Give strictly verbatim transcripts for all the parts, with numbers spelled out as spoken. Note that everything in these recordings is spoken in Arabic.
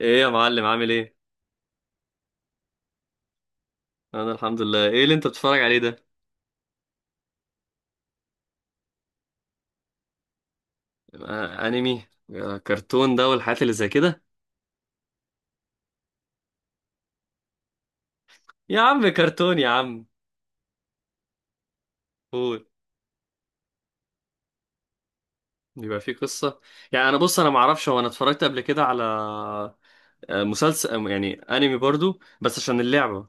ايه يا معلم، عامل ايه؟ انا الحمد لله. ايه اللي انت بتتفرج عليه ده؟ آه، انمي. آه، كرتون ده والحاجات اللي زي كده. يا عم كرتون يا عم. قول. بيبقى فيه قصة. يعني انا بص، انا ما اعرفش، هو انا اتفرجت قبل كده على آه، مسلسل، آه، يعني انمي برضو بس عشان اللعبة.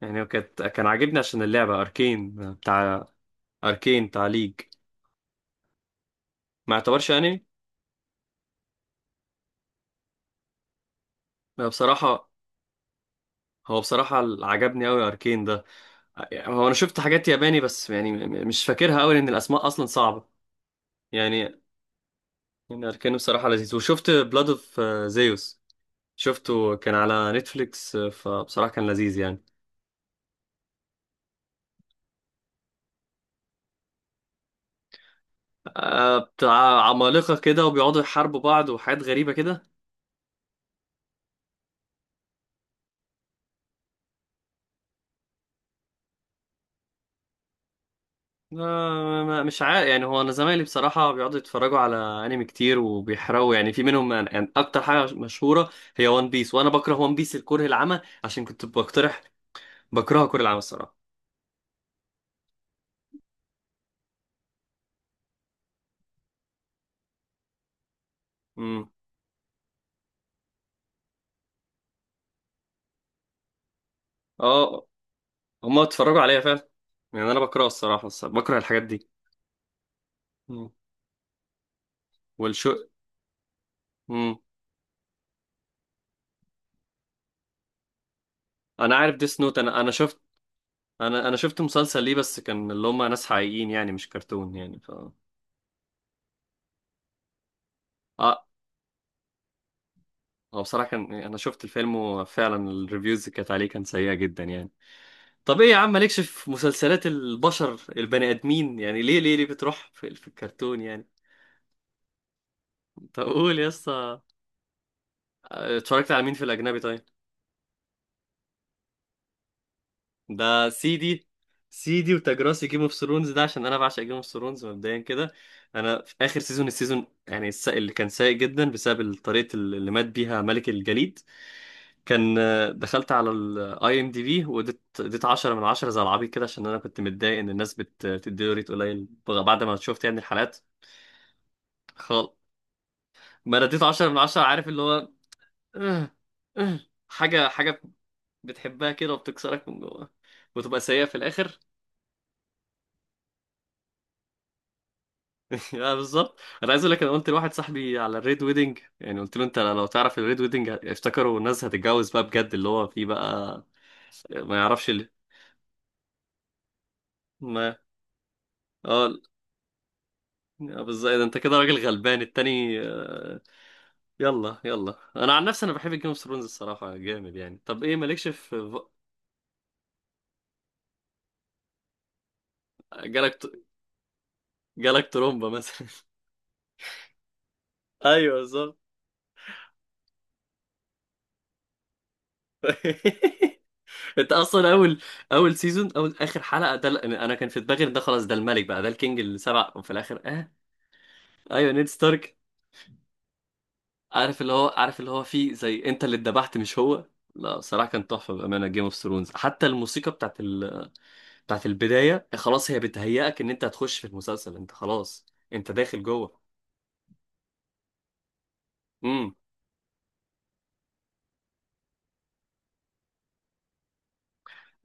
يعني هو كانت كان عاجبني عشان اللعبة اركين، آه، بتاع اركين بتاع ليج. ما يعتبرش انمي. آه، بصراحة، هو بصراحة اللي عجبني قوي اركين ده. يعني هو انا شفت حاجات ياباني، بس يعني م- م- مش فاكرها قوي لان الاسماء اصلا صعبة. يعني يعني اركاني بصراحة لذيذ، وشفت بلاد اوف زيوس. شفته كان على نتفليكس، آه، فبصراحة كان لذيذ يعني. آه، بتاع عمالقة كده وبيقعدوا يحاربوا بعض وحاجات غريبة كده. آه، ما- مش عارف، يعني هو انا زمايلي بصراحة بيقعدوا يتفرجوا على انمي كتير وبيحرقوا، يعني في منهم. يعني يعني اكتر حاجة مشهورة هي وان بيس، وانا بكره وان بيس الكره العمى، عشان كنت بقترح. بكرهها كره العمى الصراحة. امم اه، هما اتفرجوا عليا فعلا. يعني انا بكره الصراحة، الصراحة بكره الحاجات دي. مم. والشو. امم انا عارف ديس نوت. انا انا شفت. انا انا شفت مسلسل ليه، بس كان اللي هم ناس حقيقيين يعني، مش كرتون يعني ف. اه، هو بصراحة كان، انا شفت الفيلم وفعلا الريفيوز اللي كانت عليه كان سيئة جدا يعني. طب ايه يا عم، مالكش في مسلسلات البشر البني ادمين؟ يعني ليه ليه ليه بتروح في, في الكرتون يعني؟ طب قول يا اسطى. آه، اتفرجت على مين في الاجنبي طيب؟ ده سيدي سيدي وتاج راسي جيم اوف ثرونز ده، عشان انا بعشق جيم اوف ثرونز مبدئيا كده. انا في اخر سيزون، السيزون يعني الس- اللي كان سيء جدا بسبب طريقه اللي مات بيها ملك الجليد. كان آه، دخلت على الاي ام دي بي، واديت اديت عشرة من عشرة زي العبيط كده، عشان انا كنت متضايق ان الناس بت- بتديله ريت قليل بعد ما شفت يعني الحلقات. خالص. ما انا اديت عشرة من عشرة. عارف اللي هو، آه، آه، حاجه، حاجه بتحبها كده وبتكسرك من جوه، وتبقى سيئه في الاخر. اه بالظبط. انا عايز اقول لك، انا قلت لواحد صاحبي على الريد ويدنج، يعني قلت له انت لو تعرف الريد ويدنج، افتكروا الناس هتتجوز بقى بجد اللي هو فيه بقى. ما يعرفش اللي ما اه. اه بالظبط، إيه ده انت كده راجل غلبان التاني آه، يلا يلا، انا عن نفسي انا بحب جيم اوف ثرونز الصراحه، جامد يعني. طب ايه مالكش في ف-؟ جالك جالك ترومبا مثلا؟ ايوه بالظبط. انت اصلا اول اول سيزون، اول اخر حلقه، ده ال-، انا كان في دماغي ان ده خلاص، ده الملك بقى، ده الكينج السبع، وفي الاخر اه. ايوه نيد ستارك. عارف اللي هو، عارف اللي هو فيه زي انت اللي اتذبحت مش هو. لا صراحة كان تحفة بأمانة جيم اوف ثرونز، حتى الموسيقى بتاعت ال...، بتاعت البداية، خلاص هي بتهيئك ان انت هتخش في المسلسل، انت خلاص انت داخل جوه. امم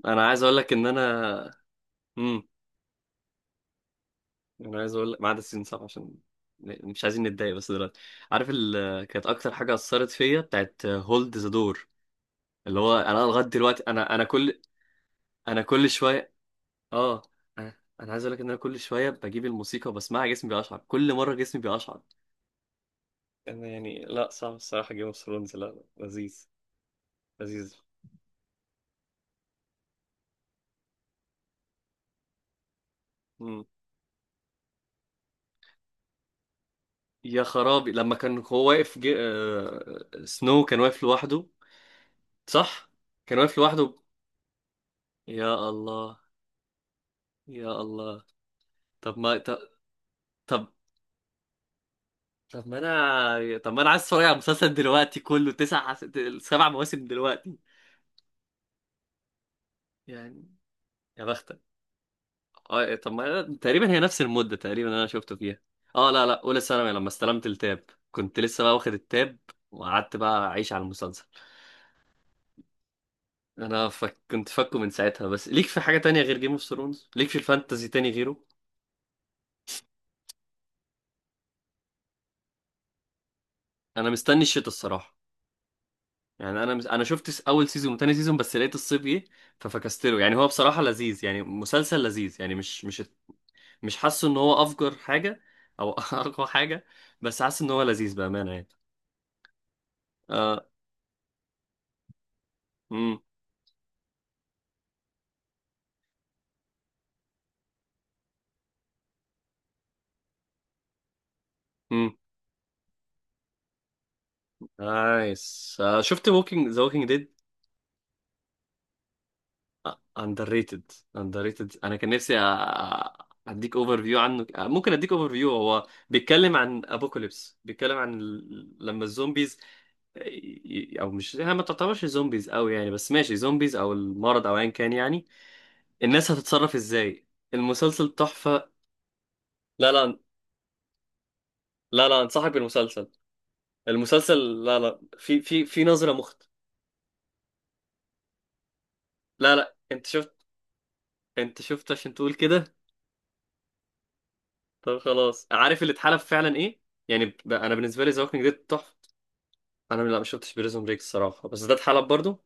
انا عايز اقول لك ان انا امم انا عايز اقول لك، ما عدا سيزون سبعة عشان مش عايزين نتضايق بس دلوقتي. عارف ال...، كانت اكتر حاجة اثرت فيا بتاعت هولد ذا دور، اللي هو انا لغاية دلوقتي انا انا كل، انا كل شوية اه انا أنا عايز اقول لك ان انا كل شويه بجيب الموسيقى وبسمعها، جسمي بيقشعر، كل مره جسمي بيقشعر. انا يعني لا صعب الصراحه، جيم اوف ثرونز لا لذيذ. لذيذ. مم. يا خرابي لما كان هو واقف جي... آه... سنو كان واقف لوحده. صح. كان واقف لوحده. يا الله. يا الله. طب ما ط- طب طب ما انا طب ما انا عايز اتفرج على المسلسل دلوقتي كله، تسع سبع مواسم دلوقتي. يعني، يا بختك. اه إيه، طب ما تقريبا هي نفس المدة تقريبا اللي انا شفته فيها. اه، لا لا اولى ثانوي لما استلمت التاب، كنت لسه بقى واخد التاب، وقعدت بقى اعيش على المسلسل. انا فك... كنت فاكه من ساعتها، بس ليك في حاجة تانية غير جيم اوف ثرونز؟ ليك في الفانتازي تاني غيره؟ انا مستني الشتا الصراحة. يعني انا مس... انا شفت س- اول سيزون وتاني سيزون، بس لقيت الصيف جه ففكستله. يعني هو بصراحة لذيذ يعني، مسلسل لذيذ يعني، مش مش مش حاسه ان هو افجر حاجة، او اقوى حاجة، بس حاسس ان هو لذيذ بأمانة يعني. آه... امم نايس. آه، شفت ووكينج ذا ووكينج ديد؟ اندر ريتد اندر ريتد. انا كان نفسي أ- أ- اديك اوفر فيو عنه، آه، ممكن اديك اوفر فيو. هو بيتكلم عن ابوكاليبس، بيتكلم عن ال-، لما الزومبيز ي- او مش هي ما تعتبرش زومبيز قوي يعني، بس ماشي زومبيز او المرض او ايا كان يعني، الناس هتتصرف ازاي. المسلسل تحفة. لا لا، لا لا انصحك بالمسلسل. المسلسل لا لا، في في في نظرة مخت. لا لا انت شفت؟ انت شفت عشان تقول كده؟ طب خلاص، عارف اللي اتحلب فعلا ايه. يعني ب...، انا بالنسبه لي ذا ووكينج ديد تحفه. انا لا، ما شفتش بريزون بريك الصراحه، بس ده اتحلب برضو.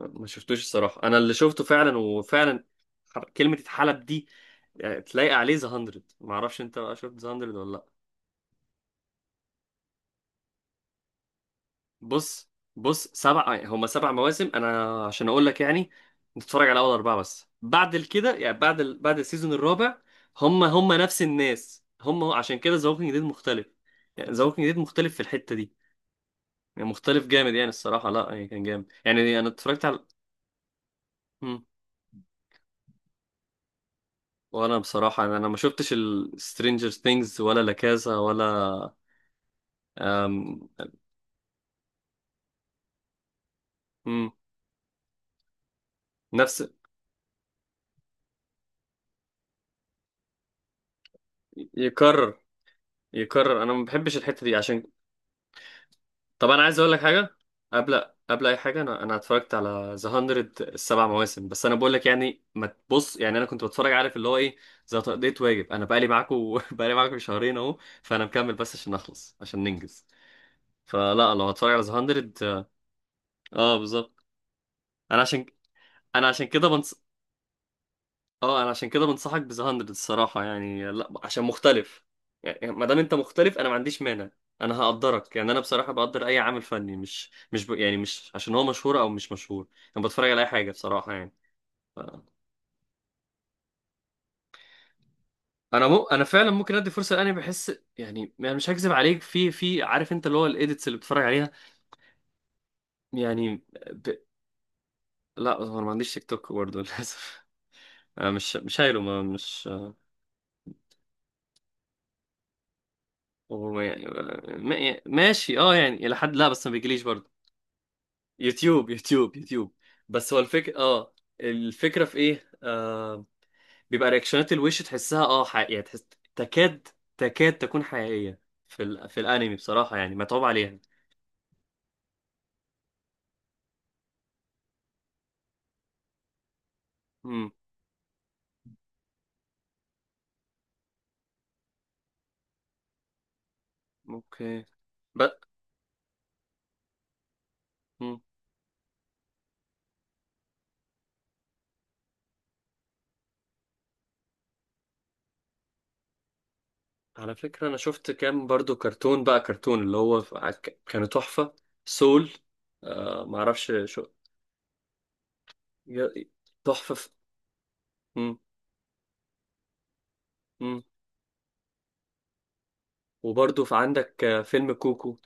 ما شفتوش الصراحه، انا اللي شفته فعلا، وفعلا حر- كلمه اتحلب دي، يعني تلاقي عليه ذا هاندرد. ما اعرفش انت بقى، شفت ذا هاندرد ولا لا؟ بص. بص، سبع يعني هما سبع مواسم، انا عشان اقول لك يعني نتفرج على اول اربعه بس. بعد كده يعني بعد ال...، بعد السيزون الرابع، هما هما نفس الناس هما، عشان كده ذا ووكينج ديد مختلف. يعني ذا ووكينج ديد مختلف في الحته دي، يعني مختلف جامد يعني الصراحة. لا يعني كان جامد يعني، انا اتفرجت على مم. وانا بصراحة انا أنا ما شفتش السترينجر ثينجز، ولا لا كازا، ولا أم... مم. نفس. يكرر يكرر، انا ما بحبش الحتة دي عشان. طب انا عايز اقول لك حاجة، قبل قبل اي حاجة انا انا اتفرجت على ذا هاندرد السبع مواسم. بس انا بقول لك يعني، ما تبص يعني، انا كنت بتفرج عارف اللي هو ايه، زي تقضية واجب. انا بقالي معاكم بقالي معاكم شهرين اهو، فانا مكمل بس عشان نخلص، عشان ننجز. فلا لو هتفرج على ذا هاندرد. اه بالظبط. انا عشان، انا عشان كده بنص... اه انا عشان كده بنصحك بذا هاندرد الصراحه، يعني لا عشان مختلف. يعني، يعني ما دام انت مختلف، انا ما عنديش مانع. انا هقدرك يعني، انا بصراحه بقدر اي عامل فني، مش مش ب...، يعني مش عشان هو مشهور او مش مشهور، انا بتفرج على اي حاجه بصراحه يعني. ف...، انا مو...، انا فعلا ممكن ادي فرصه لاني بحس. يعني انا مش هكذب عليك، في في، عارف انت اللي هو الايديتس اللي بتفرج عليها يعني ب...، لا هو انا ما عنديش تيك توك برضه للاسف. انا مش مش شايله، ما مش. وما-، ما- ماشي، اه يعني الى حد، لا بس ما بيجيليش برضه. يوتيوب يوتيوب يوتيوب. بس هو الفكرة اه، الفكرة في ايه آه؟ بيبقى رياكشنات، الوش تحسها اه حقيقية، يعني تحس، تكاد تكاد تكون حقيقية. في ال...، في الانمي بصراحة يعني متعوب عليها. امم اوكي. ب...، مم. على فكرة انا شفت كام برضو كرتون بقى، كرتون اللي هو ف- ك- كانوا تحفة. سول. آه معرفش شو. ي-، تحفة في.... وبرضه في عندك آه، فيلم كوكو.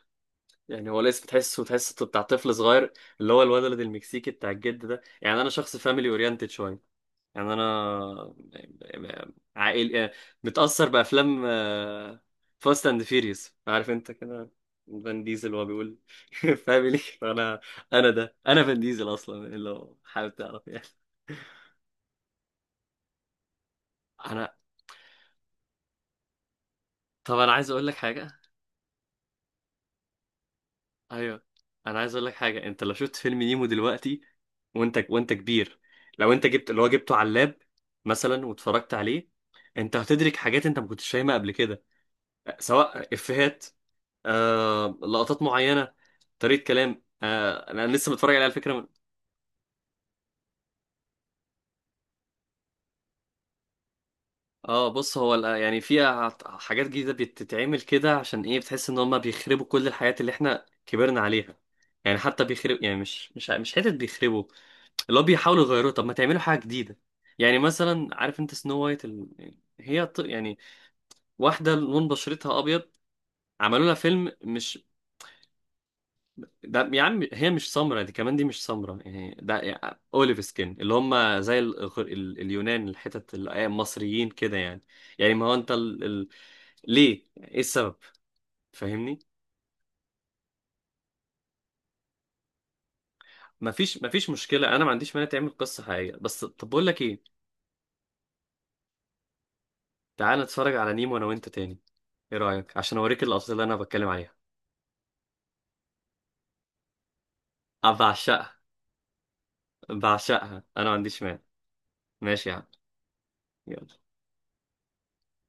يعني هو الاسم تحسه، تحسه بتاع طفل صغير، اللي هو الولد المكسيكي بتاع الجد ده. يعني انا شخص فاميلي اورينتد شويه، يعني انا عائل آه، متاثر بافلام فاست اند فيريوس، عارف انت كده. فان ديزل وهو بيقول فاميلي، فانا انا ده، انا فان ديزل اصلا لو حابب تعرف يعني. انا طب انا عايز اقول لك حاجه. ايوه، انا عايز اقول لك حاجه، انت لو شفت فيلم نيمو دلوقتي، وانت وانت كبير، لو انت جبت اللي هو جبته على اللاب مثلا واتفرجت عليه، انت هتدرك حاجات انت ما كنتش فاهمها قبل كده، سواء افيهات، آه لقطات معينه، طريقه كلام آه. انا لسه متفرج عليه على فكره من...، اه. بص هو ال-، يعني في حاجات جديده بتتعمل كده عشان ايه، بتحس ان هم بيخربوا كل الحاجات اللي احنا كبرنا عليها. يعني حتى بيخرب، يعني مش مش مش حته، بيخربوا اللي هو بيحاولوا يغيروه. طب ما تعملوا حاجه جديده يعني. مثلا عارف انت سنو وايت ال...، هي ط...، يعني واحدة لون بشرتها أبيض. عملوا لها فيلم مش. ده يا عم هي مش سمرة، دي كمان دي مش سمرة. يعني ده يعني أوليف سكين، اللي هم زي ال... ال... اليونان، الحتت ال-، آه المصريين كده يعني. يعني ما هو أنت ال... ال...، ليه إيه السبب؟ فاهمني؟ مفيش مفيش مشكلة. أنا ما عنديش مانع تعمل قصة حقيقية، بس طب بقول لك إيه. تعال نتفرج على نيمو أنا وأنت تاني، إيه رأيك؟ عشان أوريك اللقطات اللي أنا بتكلم عليها. أنا بعشقها. بعشقها أنا ما عنديش مانع. ماشي يا عم. يلا.